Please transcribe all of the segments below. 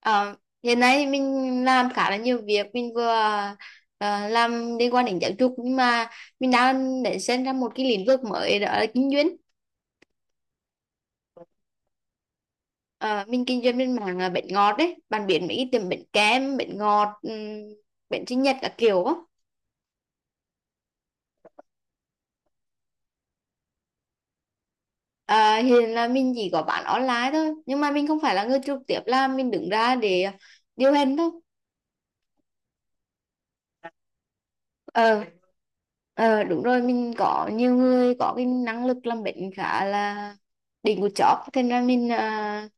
Ờ, Hiện nay mình làm khá là nhiều việc. Mình vừa làm liên quan đến giáo dục, nhưng mà mình đang để xem ra một cái lĩnh vực mới, đó là kinh doanh. Ờ, mình kinh doanh bên mảng bánh ngọt đấy, bạn biết mấy cái tiệm bánh kem, bánh ngọt, bánh sinh nhật các kiểu á. Ờ, hiện là mình chỉ có bán online thôi, nhưng mà mình không phải là người trực tiếp làm, mình đứng ra để điều hành thôi. Ờ ờ đúng rồi, mình có nhiều người có cái năng lực làm bệnh khá là đỉnh của chóp, thế nên là mình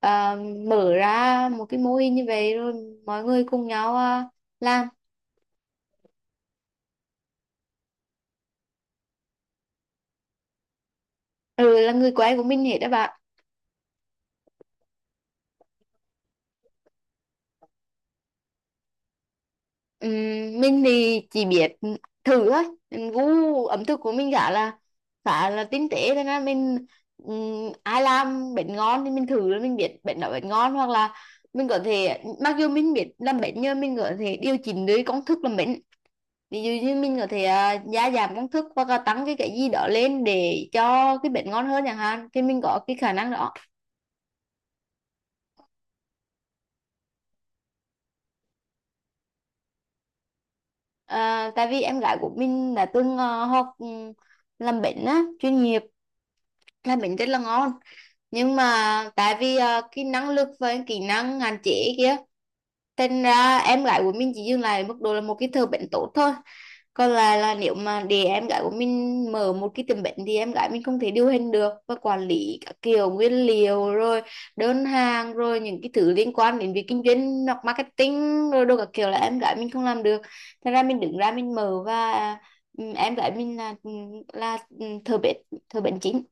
à, mở ra một cái mô hình như vậy, rồi mọi người cùng nhau làm. Ừ, là người quen của mình hết đó bạn. Ừm, mình thì chỉ biết thử thôi. Mình gu ẩm thực của mình khá là tinh tế, thế nên mình ai làm bánh ngon thì mình thử, rồi mình biết bánh đó bánh ngon, hoặc là mình có thể, mặc dù mình biết làm bánh nhưng mình có thể điều chỉnh được công thức làm bánh. Ví dụ như mình có thể gia giảm công thức, hoặc là tăng cái gì đó lên để cho cái bánh ngon hơn chẳng hạn, thì mình có cái khả năng đó. À, tại vì em gái của mình đã từng học, làm bánh á chuyên nghiệp, là bánh rất là ngon, nhưng mà tại vì cái năng lực và kỹ năng hạn chế kia, thành ra em gái của mình chỉ dừng lại ở mức độ là một cái thợ bệnh tốt thôi. Còn là nếu mà để em gái của mình mở một cái tiệm bệnh thì em gái mình không thể điều hành được, và quản lý các kiểu nguyên liệu, rồi đơn hàng, rồi những cái thứ liên quan đến việc kinh doanh hoặc marketing rồi đồ các kiểu là em gái mình không làm được. Thành ra mình đứng ra mình mở, và ừ, em gái mình là, thợ bệnh, thợ bệnh chính.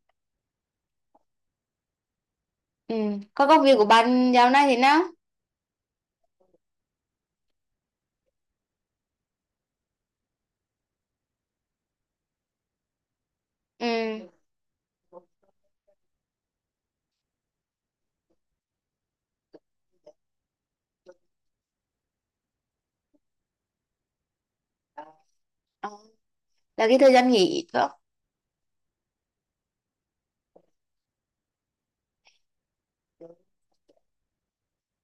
Ừ. Có công việc của bạn dạo này thế nào? Ừ. Ờ, là cái thời gian nghỉ phải không?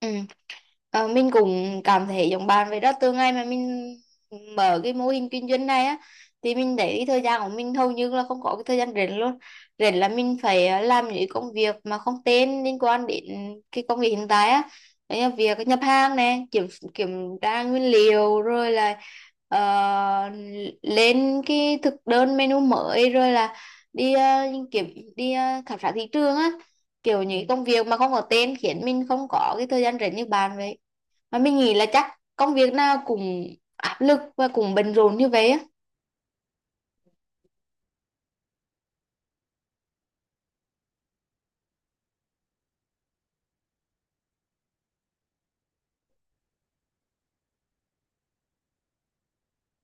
Ừ. Ờ, mình cũng cảm thấy giống bạn vậy đó. Từ ngày mà mình mở cái mô hình kinh doanh này á, thì mình thấy cái thời gian của mình hầu như là không có cái thời gian rảnh luôn. Rảnh là mình phải làm những công việc mà không tên liên quan đến cái công việc hiện tại á. Đấy là việc nhập hàng nè, kiểm kiểm tra nguyên liệu, rồi là ờ, lên cái thực đơn menu mới, rồi là đi kiểm khảo sát thị trường á. Kiểu những công việc mà không có tên khiến mình không có cái thời gian rảnh như bạn vậy. Mà mình nghĩ là chắc công việc nào cũng áp lực và cũng bận rộn như vậy á.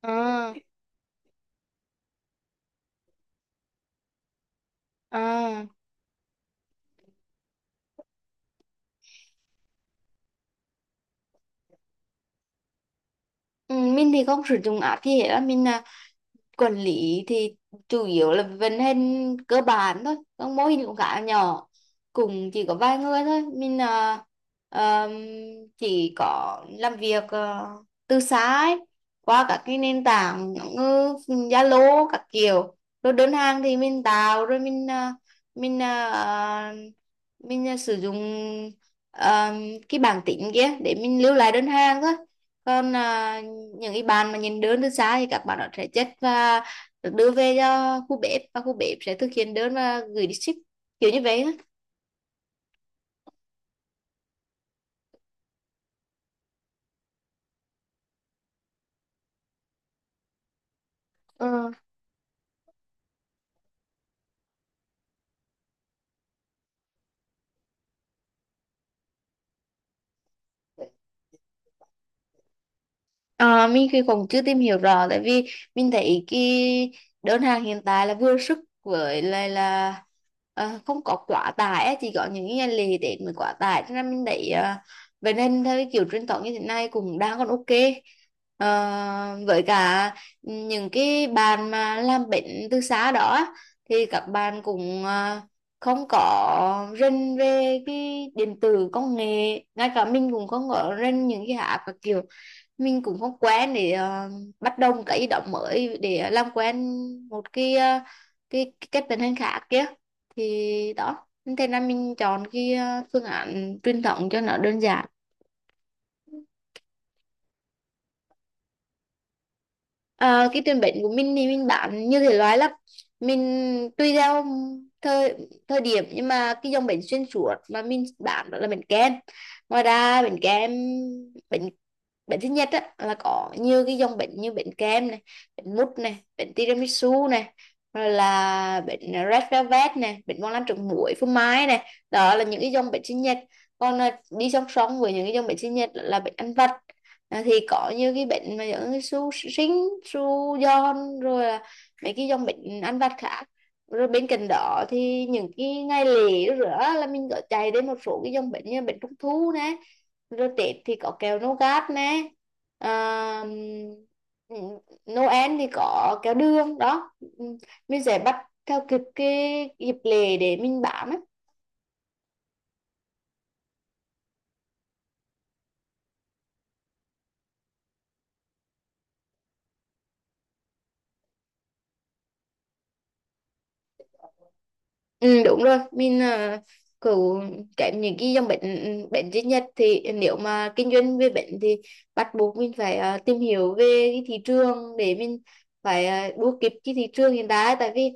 à à. Ừ, mình thì không sử dụng app gì hết á. Mình quản lý thì chủ yếu là vận hành cơ bản thôi, các mô hình cũng khá nhỏ, cũng chỉ có vài người thôi. Mình ờm, chỉ có làm việc từ xa ấy, qua các cái nền tảng như Zalo các kiểu. Rồi đơn hàng thì mình tạo, rồi mình à, mình sử dụng ờm, cái bảng tính kia để mình lưu lại đơn hàng thôi. Còn những cái bạn mà nhìn đơn từ xa thì các bạn đó sẽ chất, và được đưa về cho khu bếp, và khu bếp sẽ thực hiện đơn và gửi đi ship, kiểu như vậy á. Ừ. À, mình thì cũng chưa tìm hiểu rõ, tại vì mình thấy cái đơn hàng hiện tại là vừa sức, với lại là không có quá tải á, chỉ có những cái ngày lễ Tết mới quá tải, cho nên mình thấy ờ, vậy nên theo cái kiểu truyền thống như thế này cũng đang còn ok. Ờ, với cả những cái bạn mà làm bệnh từ xa đó á, thì các bạn cũng không có rên về cái điện tử công nghệ. Ngay cả mình cũng không có rên những cái app các kiểu, mình cũng không quen để bắt đầu một cái ý động mới để làm quen một cái cái cách vận hành khác kia. Thì đó, thế nên là mình chọn cái phương án truyền thống cho nó đơn giản. Ờ, cái tiền bệnh của mình thì mình bán như thể loại là mình tùy theo thời thời điểm, nhưng mà cái dòng bánh xuyên suốt mà mình bán đó là bánh kem. Ngoài ra bánh kem, bánh bánh sinh nhật á, là có nhiều cái dòng bánh như bánh kem này, bánh mút này, bánh tiramisu này, rồi là bánh red velvet này, bánh bông lan trứng muối phô mai này, đó là những cái dòng bánh sinh nhật. Còn đi song song với những cái dòng bánh sinh nhật là bánh ăn vặt. Thì có như cái bệnh mà những cái su sinh, su giòn, rồi là mấy cái dòng bệnh ăn vặt khác. Rồi bên cạnh đó thì những cái ngày lễ rửa, là mình có chạy đến một số cái dòng bệnh như bệnh trung thu nè, rồi Tết thì có kẹo nougat nè, à, Noel thì có kẹo đường đó. Mình sẽ bắt theo kịp cái dịp lễ để mình bán á. Ừ, đúng rồi, mình uh, cứ tránh những cái dòng bệnh bệnh duy nhất. Thì nếu mà kinh doanh về bệnh thì bắt buộc mình phải tìm hiểu về cái thị trường để mình phải đua kịp cái thị trường hiện tại, tại vì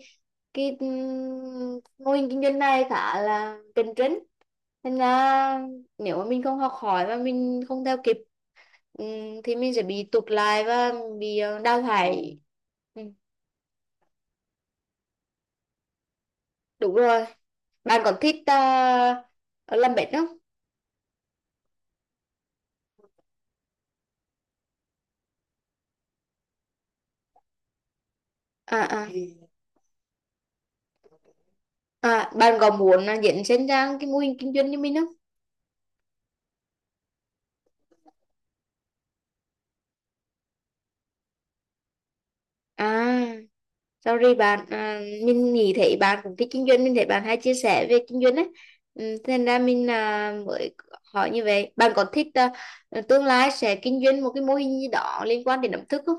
cái mô hình kinh doanh này khá là cạnh tranh. Nên là nếu mà mình không học hỏi và mình không theo kịp thì mình sẽ bị tụt lại và bị đào thải. Ừ, đúng rồi. Bạn còn thích làm bệnh không? À à à bạn có muốn dẫn sinh ra cái mô hình kinh doanh như mình không? À, sorry bạn, mình nghĩ thấy bạn cũng thích kinh doanh, mình thấy bạn hay chia sẻ về kinh doanh ấy. Ừ, thế nên ra mình mới hỏi như vậy. Bạn có thích tương lai sẽ kinh doanh một cái mô hình gì đó liên quan đến ẩm thực không?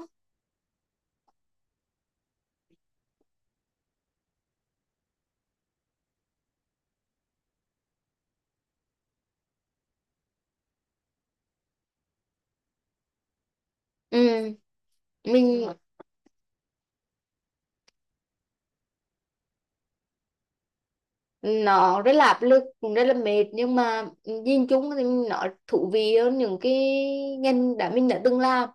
Ừ, mình, nó rất là áp lực, cũng rất là mệt, nhưng mà nhìn chung thì nó thú vị hơn những cái ngành mình đã từng làm.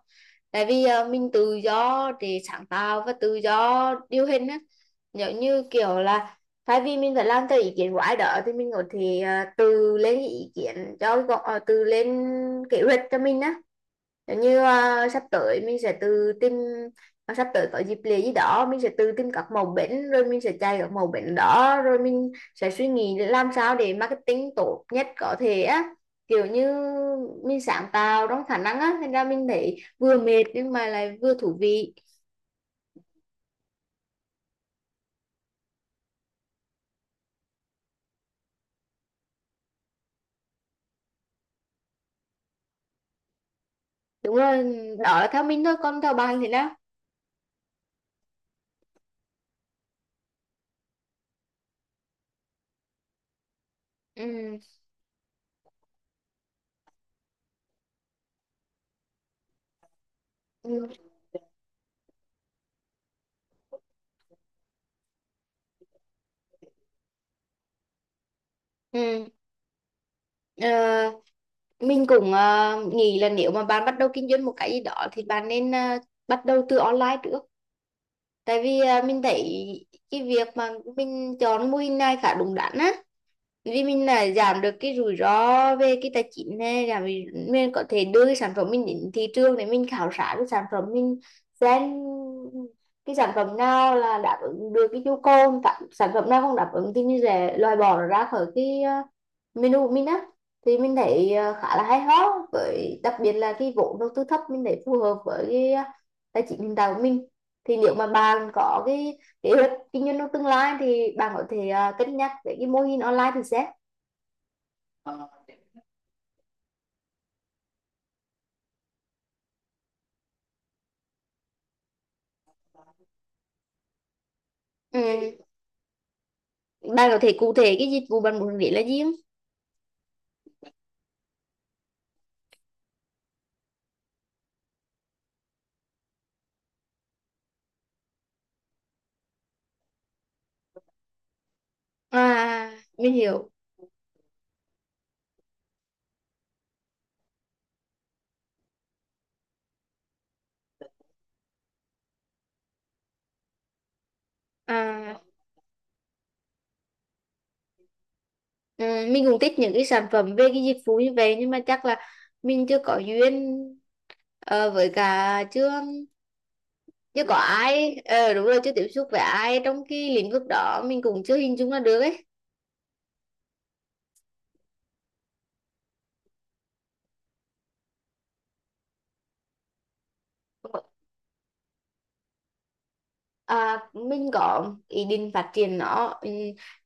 Tại vì mình tự do để sáng tạo và tự do điều hình á. Giống như kiểu là thay vì mình phải làm theo ý kiến của ai đó, thì mình có thể tự lên ý kiến cho tự lên kế hoạch cho mình á. Giống như sắp tới có dịp lễ gì đó, mình sẽ tự tìm các mẫu bánh, rồi mình sẽ chạy các mẫu bánh đó, rồi mình sẽ suy nghĩ làm sao để marketing tốt nhất có thể á. Kiểu như mình sáng tạo trong khả năng á, thành ra mình thấy vừa mệt nhưng mà lại vừa thú vị. Đúng rồi, đó là theo mình thôi, còn theo bạn thì đó. Ừ. Ừ. Ừ. Ờ, mình cũng nghĩ là nếu mà bạn bắt đầu kinh doanh một cái gì đó thì bạn nên bắt đầu từ online trước. Tại vì mình thấy cái việc mà mình chọn mô hình này khá đúng đắn á. Vì mình là giảm được cái rủi ro về cái tài chính này, giảm vì mình có thể đưa cái sản phẩm mình đến thị trường để mình khảo sát cái sản phẩm mình, xem cái sản phẩm nào là đáp ứng được cái nhu cầu, sản phẩm nào không đáp ứng thì mình sẽ loại bỏ nó ra khỏi cái mình u mình á. Thì mình thấy ờ, khá là hay ho, với đặc biệt là cái vốn đầu tư thấp, mình thấy phù hợp với cái tài chính hiện tại của mình. Thì nếu mà bạn có cái kế hoạch kinh doanh trong tương lai thì bạn có thể cân nhắc về cái mô hình online thử xét. Ừ. Bạn có thể cụ thể cái dịch vụ bạn muốn nghĩ là gì không? À mình hiểu. À, ừ, mình cũng thích những cái sản phẩm về cái dịch vụ như vậy, nhưng mà chắc là mình chưa có duyên, với cả chưa. Chứ có ai ờ, đúng rồi, chưa tiếp xúc với ai trong cái lĩnh vực đó, mình cũng chưa hình dung ra được ấy. À, mình có ý định phát triển nó ừ,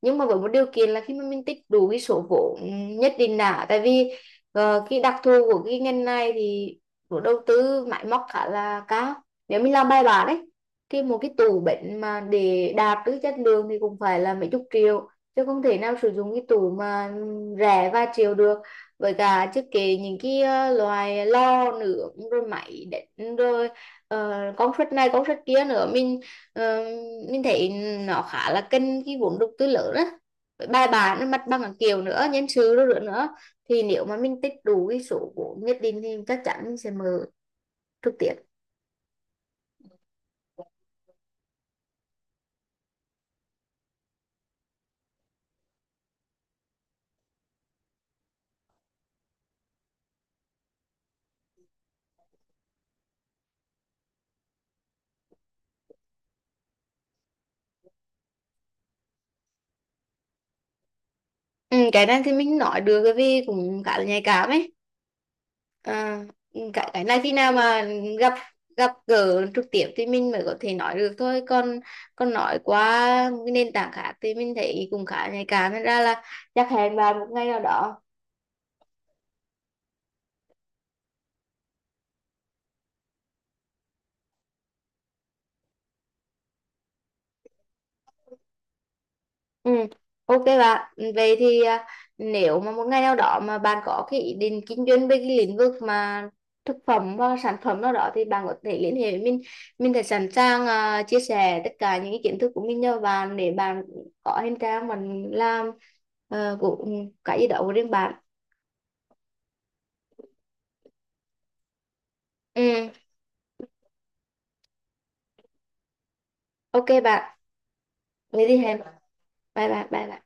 nhưng mà với một điều kiện là khi mà mình tích đủ cái số vốn nhất định đã. Tại vì cái đặc thù của cái ngành này thì vốn đầu tư máy móc khá là cao. Nếu mình làm bài bản đấy, thì một cái tủ bệnh mà để đạt được chất lượng thì cũng phải là mấy chục triệu, chứ không thể nào sử dụng cái tủ mà rẻ vài triệu được. Với cả chưa kể những cái loại lo nướng, rồi máy đánh, rồi công suất này công suất kia nữa. Mình, ờ, mình thấy nó khá là cần cái vốn đầu tư lớn á. Với bài bản nó mặt bằng các kiểu nữa, nhân sự đó nữa nữa, thì nếu mà mình tích đủ cái số vốn nhất định thì chắc chắn mình sẽ mở trực tiếp. Ừ, cái này thì mình nói được bởi vì cũng khá là nhạy cảm ấy. À, cái này khi nào mà gặp gặp gỡ trực tiếp thì mình mới có thể nói được thôi. Còn còn nói qua cái nền tảng khác thì mình thấy cũng khá nhạy cảm, nên ra là chắc hẹn vào một ngày nào đó. Ừ, ok bạn. Vậy thì nếu mà một ngày nào đó mà bạn có cái ý định kinh doanh về cái lĩnh vực mà thực phẩm và sản phẩm nào đó thì bạn có thể liên hệ với mình. Mình sẽ sẵn sàng chia sẻ tất cả những cái kiến thức của mình cho bạn để bạn có thêm trang mình làm uh, của ừ, cái gì đó của riêng bạn. Ừ, ok bạn. Vậy thì hẹn. Bye bye. Bye bye.